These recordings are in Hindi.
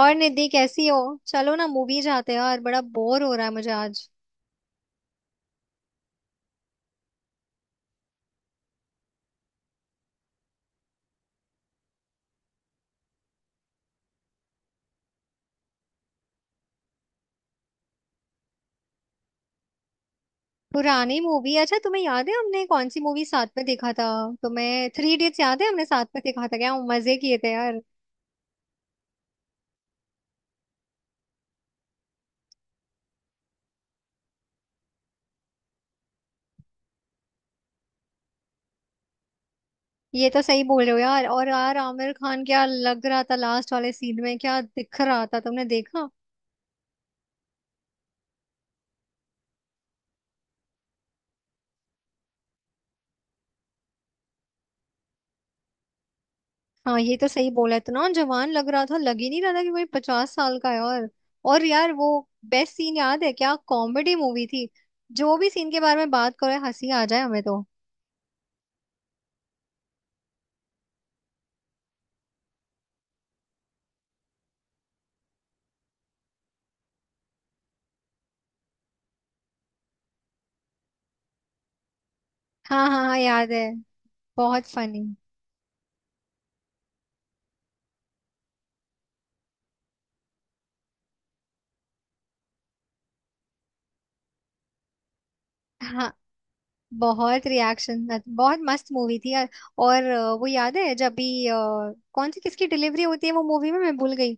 और निधि कैसी हो। चलो ना, मूवी जाते हैं यार, बड़ा बोर हो रहा है मुझे आज। पुरानी मूवी? अच्छा, तुम्हें याद है हमने कौन सी मूवी साथ में देखा था? तुम्हें थ्री इडियट्स याद है? हमने साथ में देखा था, क्या मजे किए थे यार। ये तो सही बोल रहे हो यार। और यार आमिर खान क्या लग रहा था लास्ट वाले सीन में, क्या दिख रहा था तुमने देखा? हाँ, ये तो सही बोला, इतना जवान लग रहा था, लग ही नहीं रहा था कि कोई 50 साल का है। और यार वो बेस्ट सीन याद है? क्या कॉमेडी मूवी थी। जो भी सीन के बारे में बात करो, हंसी आ जाए हमें तो। हाँ, हाँ, हाँ, याद है। बहुत फनी। हाँ, बहुत रिएक्शन। बहुत मस्त मूवी थी यार। और वो याद है जब भी कौन सी किसकी डिलीवरी होती है वो मूवी में, मैं भूल गई।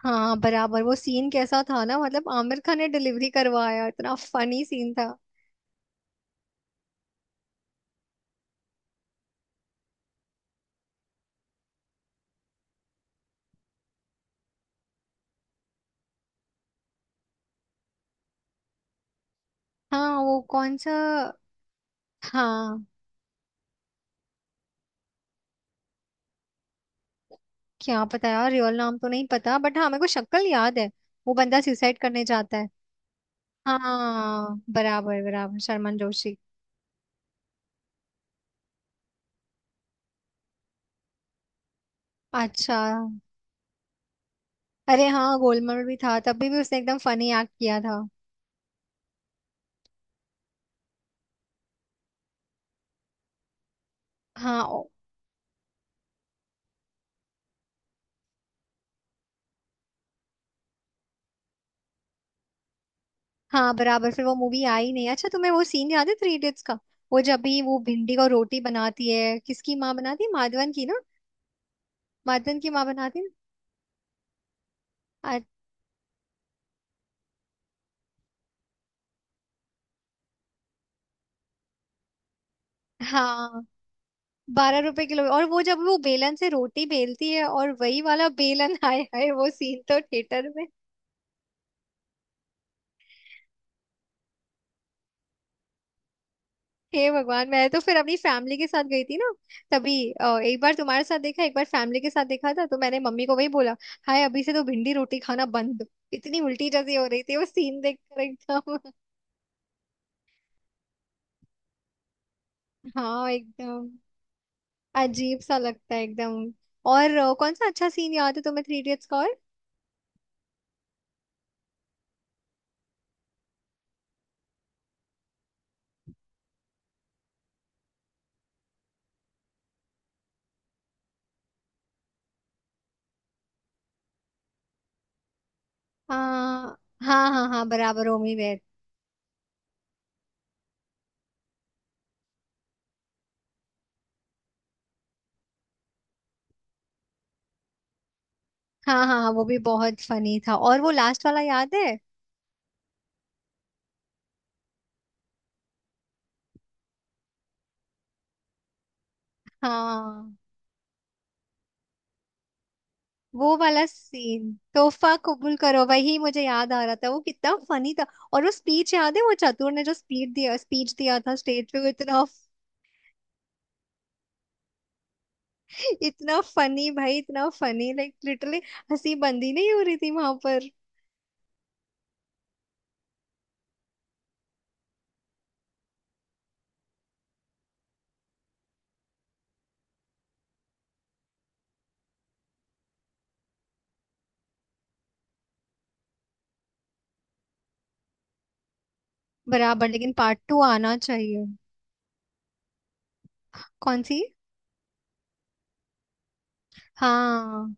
हाँ बराबर, वो सीन कैसा था ना, मतलब आमिर खान ने डिलीवरी करवाया, इतना फनी सीन था। हाँ, वो कौन सा? हाँ, क्या पता यार, रियल नाम तो नहीं पता, बट हाँ मेरे को शक्ल याद है। वो बंदा सुसाइड करने जाता है। हाँ बराबर बराबर, शर्मन जोशी। अच्छा। अरे हाँ, गोलमाल में भी था, तभी भी उसने एकदम फनी एक्ट किया था। हाँ। हाँ बराबर, फिर वो मूवी आई नहीं। अच्छा, तुम्हें वो सीन याद है थ्री इडियट्स का? वो जब भी वो भिंडी को रोटी बनाती है, किसकी माँ बनाती है, माधवन की ना? माधवन की माँ बनाती है। ना? हाँ, 12 रुपए किलो। और वो जब वो बेलन से रोटी बेलती है और वही वाला बेलन हाय हाय, वो सीन तो थिएटर में। हे भगवान, मैं तो फिर अपनी फैमिली के साथ गई थी ना। तभी एक बार तुम्हारे साथ देखा, एक बार फैमिली के साथ देखा था, तो मैंने मम्मी को वही बोला। हाय, अभी से तो भिंडी रोटी खाना बंद। इतनी उल्टी जैसी हो रही थी वो सीन देखकर एकदम। हाँ एकदम। अजीब सा लगता है एकदम। और कौन सा अच्छा सीन याद है तुम्हें थ्री इडियट्स का? और हाँ, हाँ, हाँ, हाँ बराबर, होमी वेर। हाँ, हाँ, हाँ, वो भी बहुत फनी था। और वो लास्ट वाला याद है? हाँ, वो वाला सीन तोहफा कबूल करो, वही मुझे याद आ रहा था, वो कितना फनी था। और वो स्पीच याद है, वो चतुर ने जो स्पीच दिया था स्टेज पे, वो इतना इतना फनी भाई, इतना फनी, लाइक लिटरली। हंसी बंदी नहीं हो रही थी वहां पर। बराबर, लेकिन पार्ट टू आना चाहिए। कौन सी? हाँ,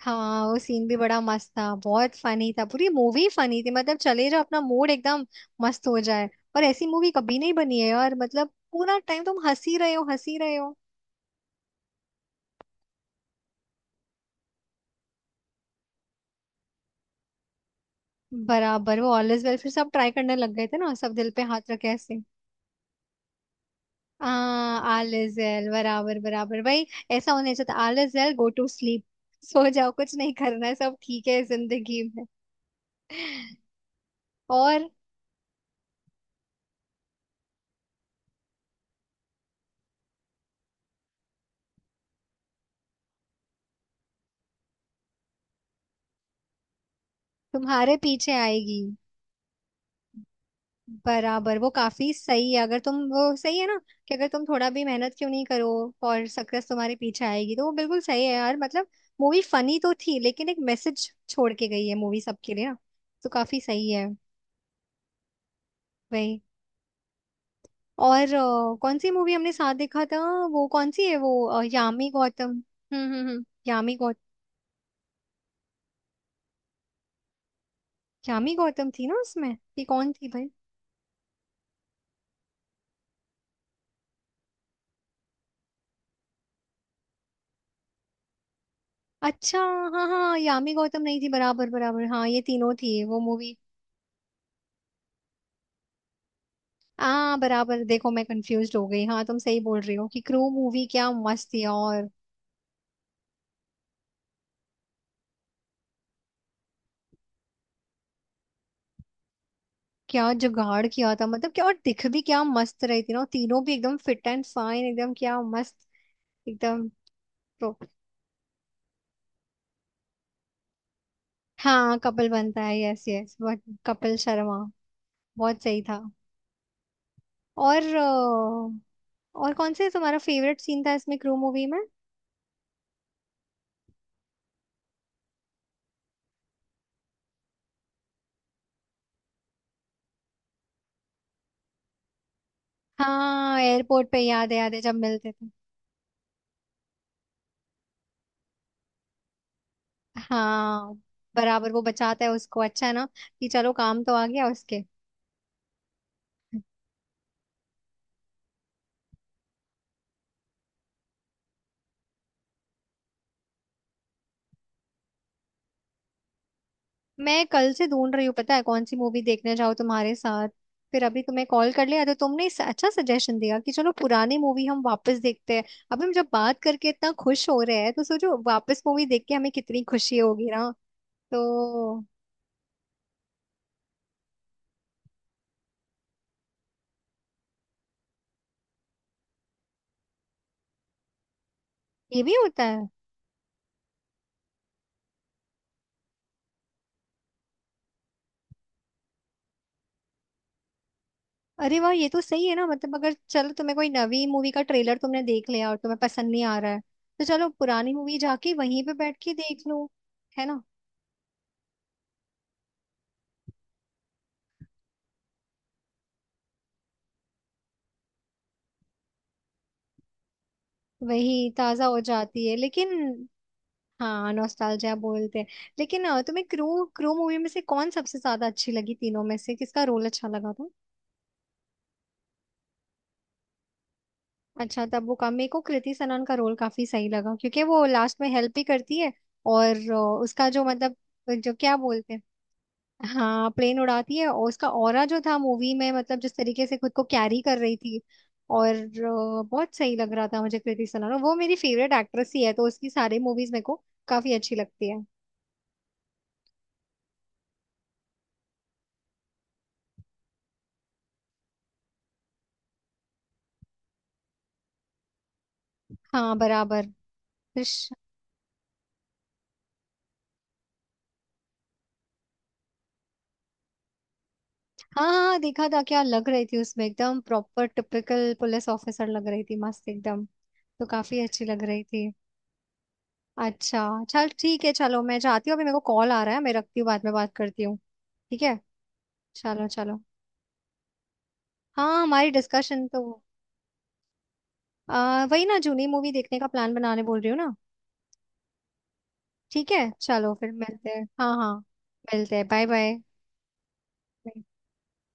हाँ, वो सीन भी बड़ा मस्त था, बहुत फनी था, पूरी मूवी फनी थी, मतलब चले जाओ, अपना मूड एकदम मस्त हो जाए। और ऐसी मूवी कभी नहीं बनी है यार, मतलब पूरा टाइम तुम हंसी रहे हो, हंसी रहे हो। बराबर, वो ऑल इज वेल फिर सब ट्राई करने लग गए थे ना, सब दिल पे हाथ रखे ऐसे। आ ऑल इज वेल, बराबर बराबर भाई। ऐसा होना चाहिए, all is well, go to sleep. सो जाओ, कुछ नहीं करना है, सब ठीक है जिंदगी में। और तुम्हारे पीछे आएगी। बराबर, वो काफी सही है, अगर तुम, वो सही है ना। कि अगर तुम थोड़ा भी मेहनत क्यों नहीं करो, और सक्सेस तुम्हारे पीछे आएगी, तो वो बिल्कुल सही है यार, मतलब। मूवी फनी तो थी, लेकिन एक मैसेज छोड़ के गई है मूवी सबके लिए ना। तो काफी सही है। भाई। और कौन सी मूवी हमने साथ देखा था? वो कौन सी है, वो यामी गौतम, हम्म, हम्म, हम्म, यामी गौतम थी ना उसमें? कि कौन थी भाई? अच्छा। हाँ हाँ, यामी गौतम नहीं थी, बराबर बराबर, हाँ ये तीनों थी वो मूवी। हाँ बराबर, देखो मैं कंफ्यूज हो गई। हाँ, तुम सही बोल रही हो कि क्रू मूवी क्या मस्त थी। और क्या जुगाड़ किया था, मतलब क्या, और दिख भी क्या मस्त रही थी ना, और तीनों भी एकदम फिट एंड फाइन, एकदम क्या मस्त, एकदम। तो हाँ, कपल बनता है, yes yes but Kapil Sharma. बहुत सही था। और अ, और कौन से तुम्हारा फेवरेट सीन था इसमें, क्रू मूवी में? हाँ एयरपोर्ट पे याद है, याद है जब मिलते थे। हाँ बराबर, वो बचाता है उसको, अच्छा है ना, कि चलो काम तो आ गया उसके। मैं कल से ढूंढ रही हूँ, पता है कौन सी मूवी देखने जाऊँ तुम्हारे साथ। फिर अभी तुम्हें कॉल कर लिया, तो तुमने इस अच्छा सजेशन दिया कि चलो पुरानी मूवी हम वापस देखते हैं। अब हम जब बात करके इतना खुश हो रहे हैं, तो सोचो वापस मूवी देख के हमें कितनी खुशी होगी ना। तो ये भी होता है। अरे वाह, ये तो सही है ना, मतलब अगर चलो, तुम्हें कोई नवी मूवी का ट्रेलर तुमने देख लिया और तुम्हें पसंद नहीं आ रहा है, तो चलो पुरानी मूवी जाके वहीं पे बैठ के देख लो, है ना। वही ताजा हो जाती है लेकिन। हाँ, नॉस्टैल्जिया बोलते हैं। लेकिन तुम्हें क्रू क्रू मूवी में से कौन सबसे ज्यादा अच्छी लगी, तीनों में से किसका रोल अच्छा लगा था? अच्छा, तब वो का मेरे को कृति सनन का रोल काफी सही लगा, क्योंकि वो लास्ट में हेल्प भी करती है। और उसका जो मतलब, जो क्या बोलते हैं, हाँ प्लेन उड़ाती है, और उसका ऑरा जो था मूवी में, मतलब जिस तरीके से खुद को कैरी कर रही थी। और बहुत सही लग रहा था मुझे, कृति सनोरा वो मेरी फेवरेट एक्ट्रेस ही है, तो उसकी सारी मूवीज मेरे को काफी अच्छी लगती है। हाँ बराबर। फिश। हाँ, हाँ, हाँ, देखा था, क्या लग रही थी उसमें, एकदम प्रॉपर टिपिकल पुलिस ऑफिसर लग रही थी, मस्त एकदम। तो काफी अच्छी लग रही थी। अच्छा, चल ठीक है, चलो मैं जाती हूँ, अभी मेरे को कॉल आ रहा है, मैं रखती हूँ, बाद में बात करती हूँ। ठीक है। चलो चलो। हाँ हमारी डिस्कशन तो। वही ना, जूनी मूवी देखने का प्लान बनाने बोल रही हूँ ना। ठीक है, चलो फिर मिलते हैं, हाँ हाँ। मिलते हैं, बाय बाय।